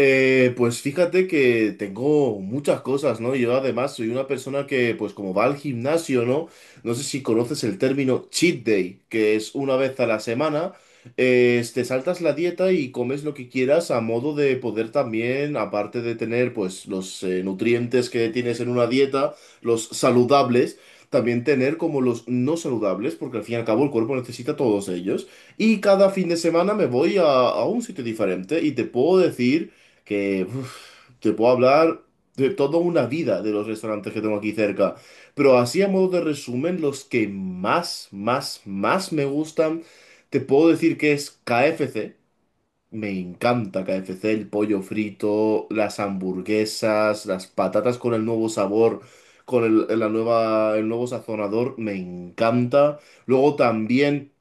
Pues fíjate que tengo muchas cosas, ¿no? Yo además soy una persona que, pues como va al gimnasio, ¿no? No sé si conoces el término cheat day, que es una vez a la semana, te saltas la dieta y comes lo que quieras a modo de poder también, aparte de tener, pues, los nutrientes que tienes en una dieta, los saludables, también tener como los no saludables, porque al fin y al cabo el cuerpo necesita todos ellos. Y cada fin de semana me voy a un sitio diferente y te puedo decir que uf, te puedo hablar de toda una vida de los restaurantes que tengo aquí cerca. Pero así a modo de resumen, los que más, más, más me gustan, te puedo decir que es KFC. Me encanta KFC, el pollo frito, las hamburguesas, las patatas con el nuevo sabor, con el nuevo sazonador, me encanta. Luego también...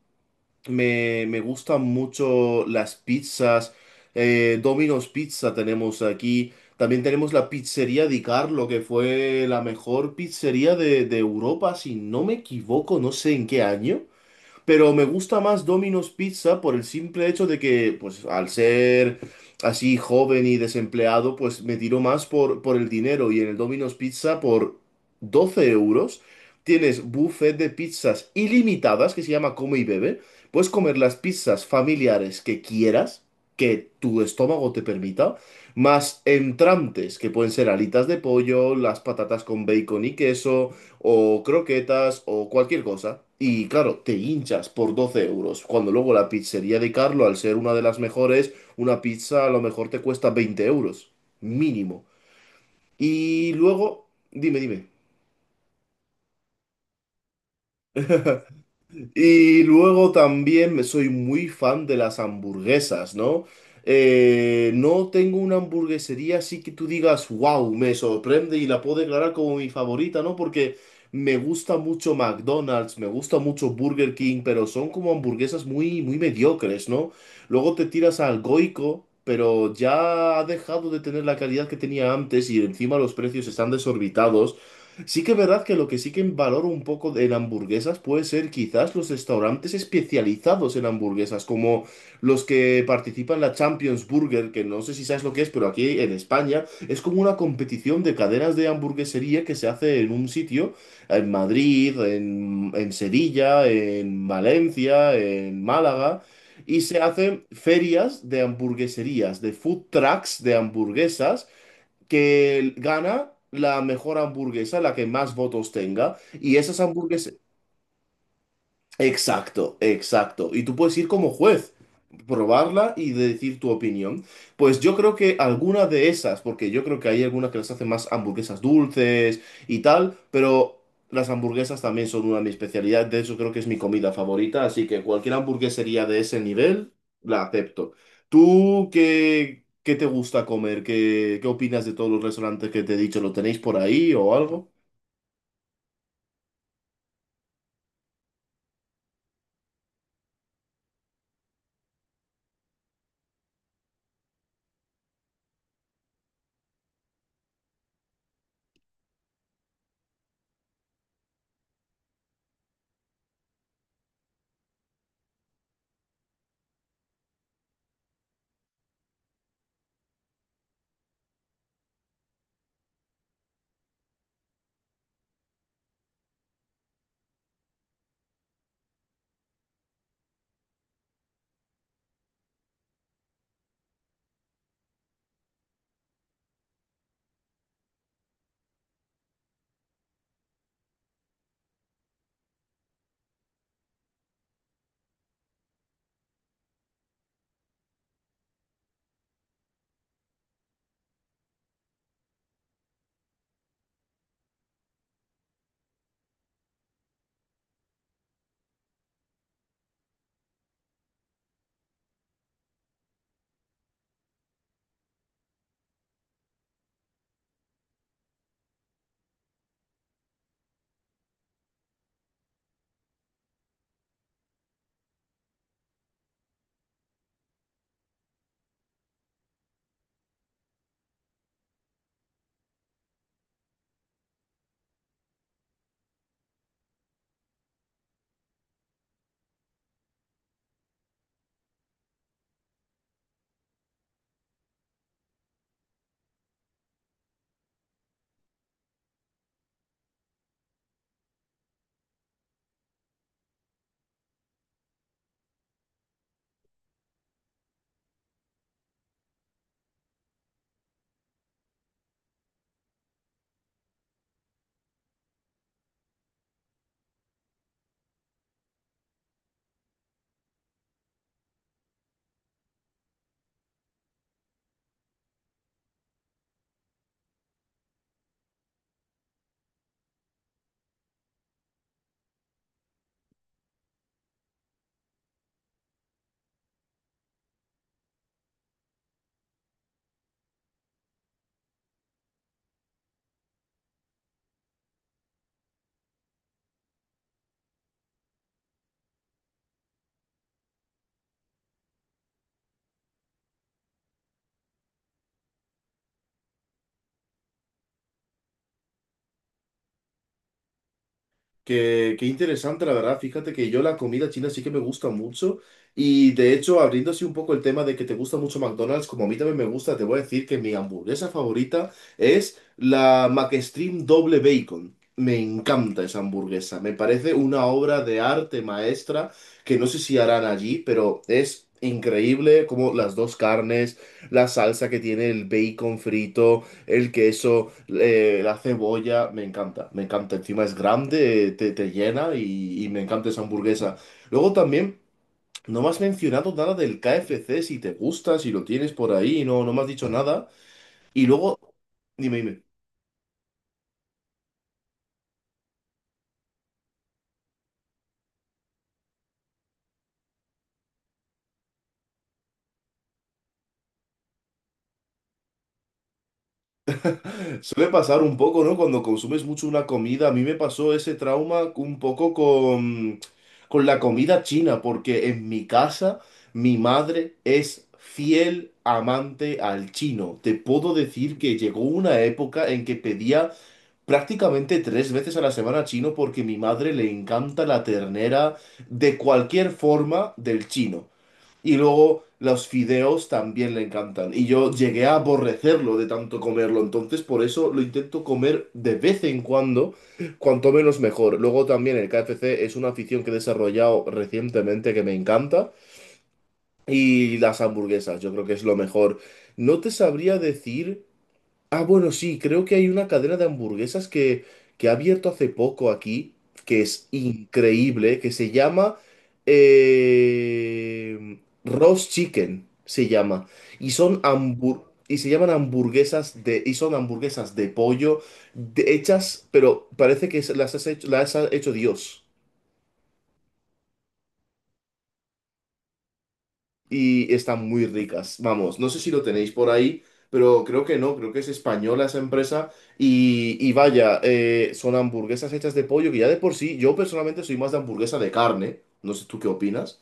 Me gustan mucho las pizzas. Domino's Pizza tenemos aquí. También tenemos la pizzería Di Carlo, que fue la mejor pizzería de Europa, si no me equivoco, no sé en qué año. Pero me gusta más Domino's Pizza por el simple hecho de que, pues, al ser así joven y desempleado, pues me tiro más por el dinero. Y en el Domino's Pizza, por 12 euros, tienes buffet de pizzas ilimitadas, que se llama Come y Bebe. Puedes comer las pizzas familiares que quieras, que tu estómago te permita, más entrantes, que pueden ser alitas de pollo, las patatas con bacon y queso o croquetas o cualquier cosa. Y claro, te hinchas por 12 euros, cuando luego la pizzería de Carlo, al ser una de las mejores, una pizza a lo mejor te cuesta 20 euros, mínimo. Y luego, dime, dime. Y luego también me soy muy fan de las hamburguesas, ¿no? No tengo una hamburguesería así que tú digas, wow, me sorprende y la puedo declarar como mi favorita, ¿no? Porque me gusta mucho McDonald's, me gusta mucho Burger King, pero son como hamburguesas muy, muy mediocres, ¿no? Luego te tiras al Goico, pero ya ha dejado de tener la calidad que tenía antes y encima los precios están desorbitados. Sí que es verdad que lo que sí que valoro un poco de- en hamburguesas puede ser quizás los restaurantes especializados en hamburguesas, como los que participan en la Champions Burger, que no sé si sabes lo que es, pero aquí en España es como una competición de cadenas de hamburguesería que se hace en un sitio, en Madrid, en Sevilla, en Valencia, en Málaga. Y se hacen ferias de hamburgueserías, de food trucks de hamburguesas, que gana la mejor hamburguesa, la que más votos tenga, y esas hamburguesas... Exacto, exacto. Y tú puedes ir como juez probarla y de decir tu opinión. Pues yo creo que alguna de esas, porque yo creo que hay algunas que las hacen más hamburguesas dulces y tal, pero las hamburguesas también son una de mis especialidades, de hecho creo que es mi comida favorita, así que cualquier hamburguesería de ese nivel la acepto. ¿Tú qué, qué te gusta comer? ¿Qué, qué opinas de todos los restaurantes que te he dicho? ¿Lo tenéis por ahí o algo? Qué, qué interesante, la verdad. Fíjate que yo la comida china sí que me gusta mucho. Y de hecho, abriendo así un poco el tema de que te gusta mucho McDonald's, como a mí también me gusta, te voy a decir que mi hamburguesa favorita es la McStream Doble Bacon. Me encanta esa hamburguesa. Me parece una obra de arte maestra que no sé si harán allí, pero es increíble como las dos carnes, la salsa que tiene el bacon frito, el queso, la cebolla, me encanta, me encanta. Encima es grande, te llena y me encanta esa hamburguesa. Luego también, no me has mencionado nada del KFC, si te gusta, si lo tienes por ahí, no, no me has dicho nada. Y luego, dime, dime. Suele pasar un poco, ¿no? Cuando consumes mucho una comida. A mí me pasó ese trauma un poco con la comida china, porque en mi casa mi madre es fiel amante al chino. Te puedo decir que llegó una época en que pedía prácticamente 3 veces a la semana chino porque mi madre le encanta la ternera de cualquier forma del chino. Y luego los fideos también le encantan. Y yo llegué a aborrecerlo de tanto comerlo. Entonces, por eso lo intento comer de vez en cuando, cuanto menos mejor. Luego también el KFC es una afición que he desarrollado recientemente que me encanta. Y las hamburguesas, yo creo que es lo mejor. No te sabría decir. Ah, bueno, sí, creo que hay una cadena de hamburguesas que ha abierto hace poco aquí, que es increíble, que se llama eh, Roast Chicken, se llama. Y son se llaman hamburguesas de, y son hamburguesas de pollo hechas, pero parece que las has hecho, las ha hecho Dios. Y están muy ricas. Vamos, no sé si lo tenéis por ahí, pero creo que no, creo que es española esa empresa. Y vaya, son hamburguesas hechas de pollo, que ya de por sí, yo personalmente soy más de hamburguesa de carne. No sé tú qué opinas.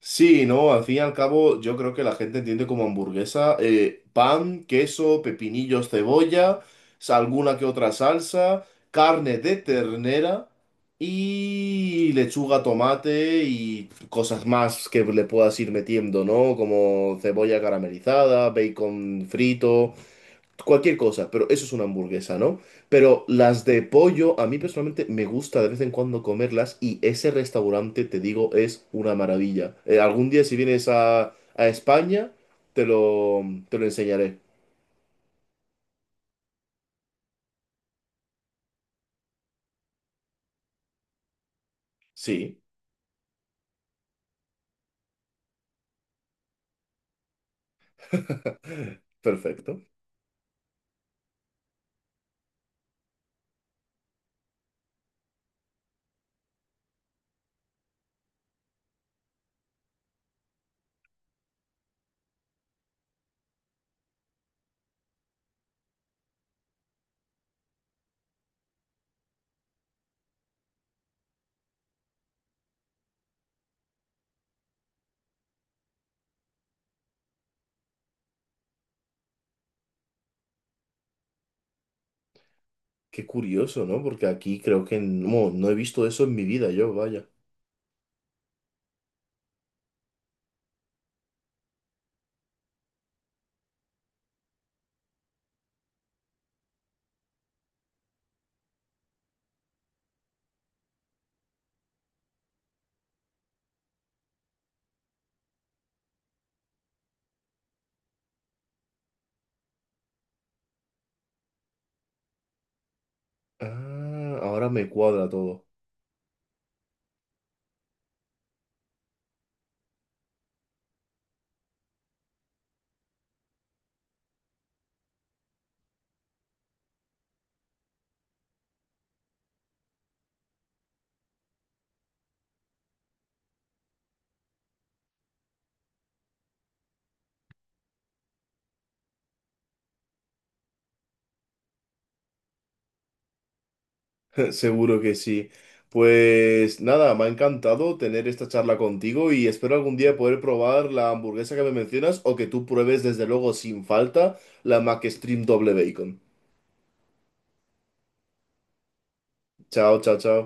Sí, no, al fin y al cabo yo creo que la gente entiende como hamburguesa, pan, queso, pepinillos, cebolla, alguna que otra salsa, carne de ternera y lechuga, tomate y cosas más que le puedas ir metiendo, ¿no? Como cebolla caramelizada, bacon frito. Cualquier cosa, pero eso es una hamburguesa, ¿no? Pero las de pollo, a mí personalmente me gusta de vez en cuando comerlas y ese restaurante, te digo, es una maravilla. Algún día si vienes a España, te lo, te lo enseñaré. Sí, perfecto. Qué curioso, ¿no? Porque aquí creo que no, no he visto eso en mi vida yo, vaya. Ah, ahora me cuadra todo. Seguro que sí. Pues nada, me ha encantado tener esta charla contigo y espero algún día poder probar la hamburguesa que me mencionas o que tú pruebes desde luego sin falta la McStream doble bacon. Chao, chao, chao.